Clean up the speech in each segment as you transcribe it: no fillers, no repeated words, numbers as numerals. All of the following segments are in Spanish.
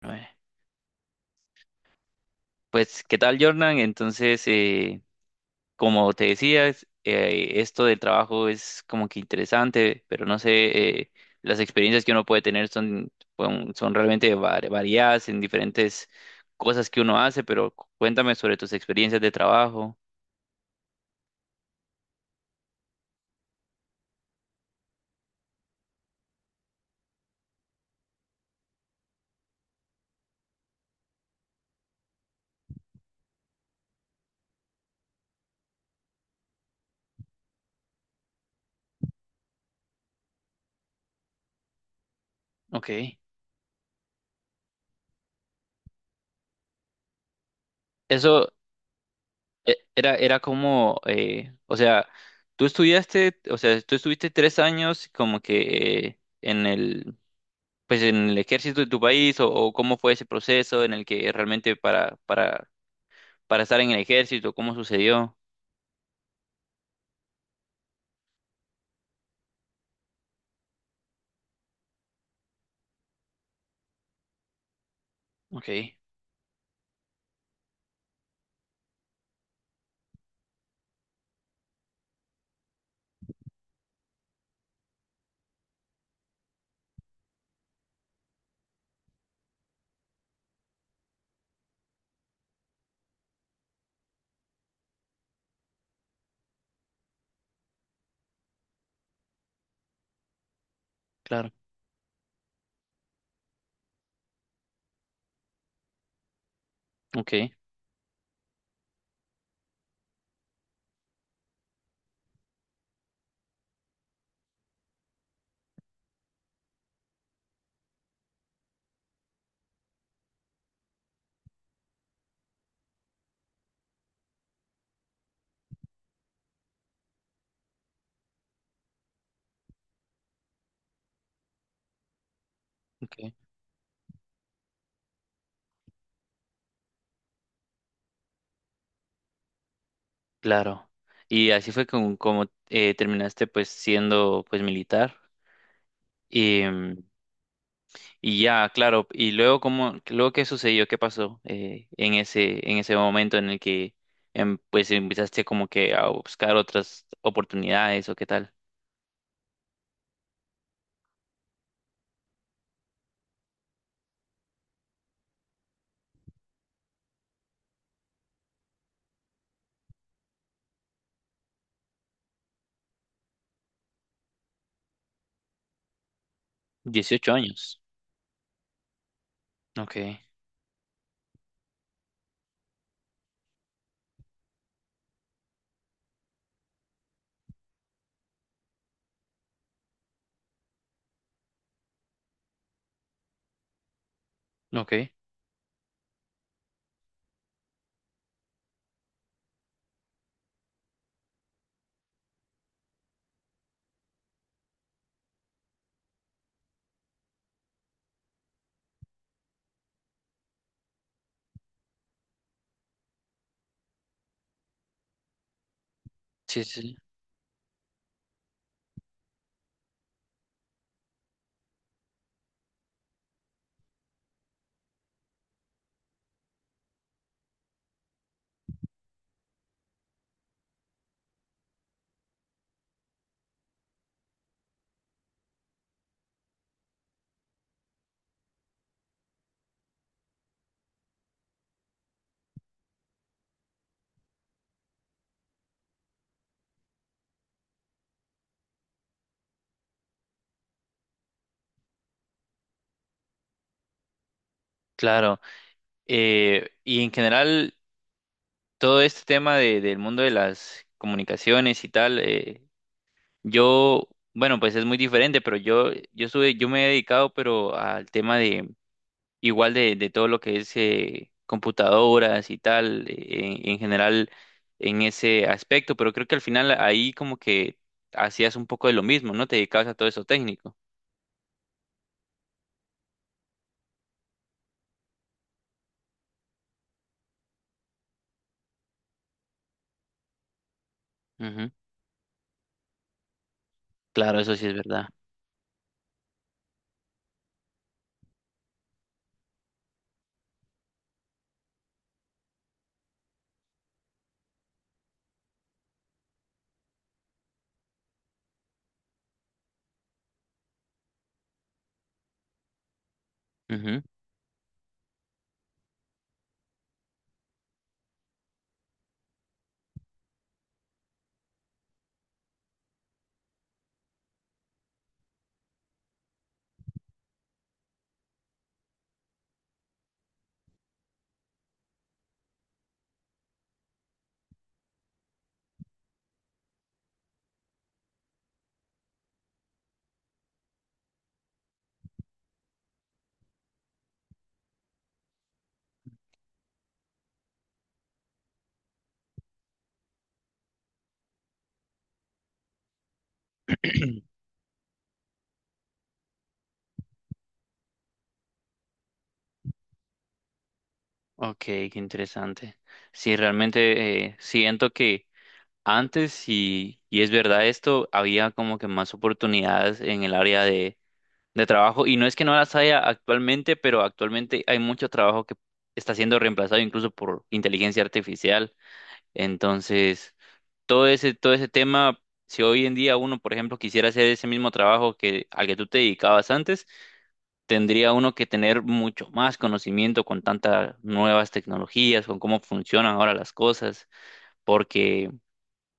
Bueno. Pues, ¿qué tal, Jordan? Entonces, como te decía, esto del trabajo es como que interesante, pero no sé, las experiencias que uno puede tener son, son realmente variadas en diferentes cosas que uno hace, pero cuéntame sobre tus experiencias de trabajo. Ok. Eso era, era como, o sea, tú estudiaste, o sea, tú estuviste tres años como que en el, pues en el ejército de tu país, o, cómo fue ese proceso en el que realmente para, para estar en el ejército, cómo sucedió. Ok, claro, ok, ok, claro. Y así fue como, como terminaste, pues, siendo pues militar. Y, y ya, claro, y luego cómo, luego qué sucedió, qué pasó en ese momento en el que pues empezaste como que a buscar otras oportunidades o qué tal. 18 años. Ok, ok. Sí, sí. Claro, y en general todo este tema del mundo de las comunicaciones y tal, yo, bueno, pues es muy diferente, pero yo estuve, yo me he dedicado, pero al tema de igual de todo lo que es computadoras y tal, en general en ese aspecto, pero creo que al final ahí como que hacías un poco de lo mismo, ¿no? Te dedicabas a todo eso técnico. Ujú. Claro, eso sí es verdad. Ok, qué interesante. Sí, realmente siento que antes, y es verdad esto, había como que más oportunidades en el área de trabajo. Y no es que no las haya actualmente, pero actualmente hay mucho trabajo que está siendo reemplazado incluso por inteligencia artificial. Entonces, todo ese tema, si hoy en día uno, por ejemplo, quisiera hacer ese mismo trabajo que, al que tú te dedicabas antes, tendría uno que tener mucho más conocimiento con tantas nuevas tecnologías, con cómo funcionan ahora las cosas, porque,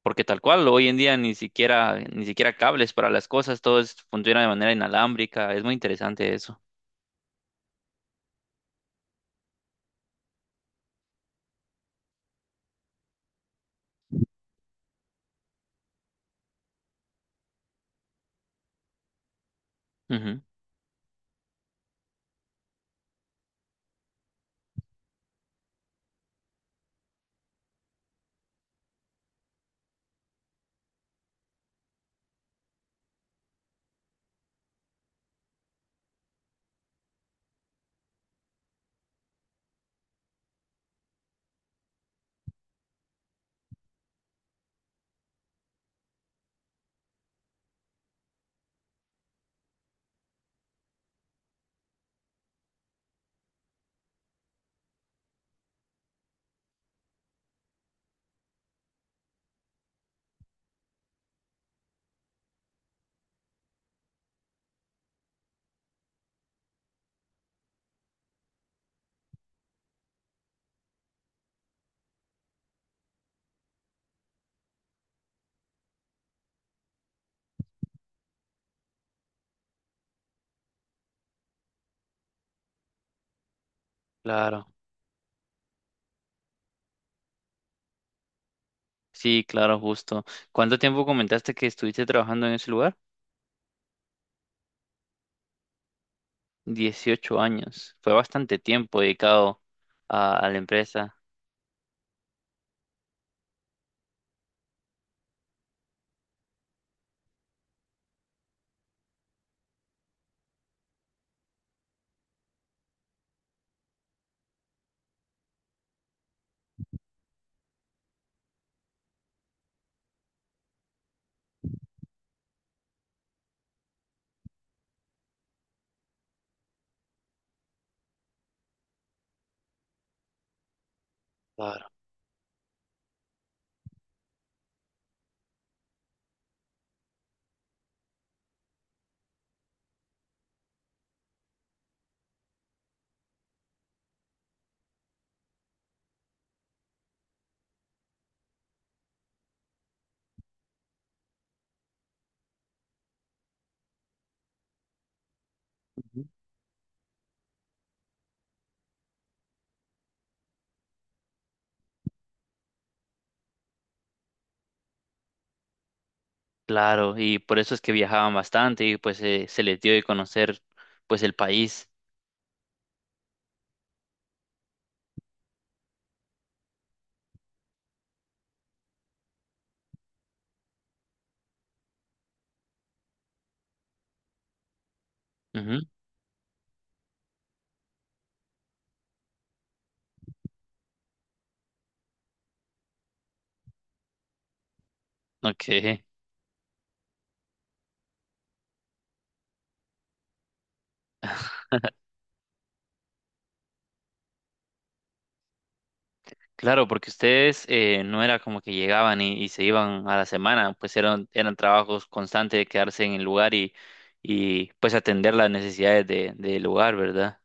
porque tal cual, hoy en día ni siquiera, ni siquiera cables para las cosas, funciona de manera inalámbrica, es muy interesante eso. Ujú, claro, sí, claro, justo. ¿Cuánto tiempo comentaste que estuviste trabajando en ese lugar? 18 años, fue bastante tiempo dedicado a la empresa. Claro. Claro, y por eso es que viajaban bastante y pues se les dio de conocer pues el país. Ujú, ok. Claro, porque ustedes no era como que llegaban y se iban a la semana, pues eran, eran trabajos constantes de quedarse en el lugar y pues atender las necesidades de, del lugar, ¿verdad?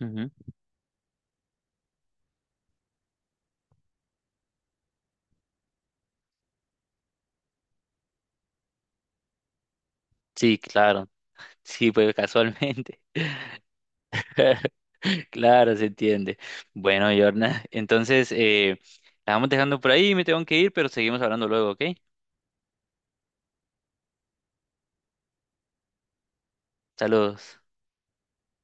Ujú. Sí, claro, sí, pues casualmente. Claro, se entiende. Bueno, Yorna, entonces la vamos dejando por ahí, me tengo que ir, pero seguimos hablando luego, ¿ok? Saludos.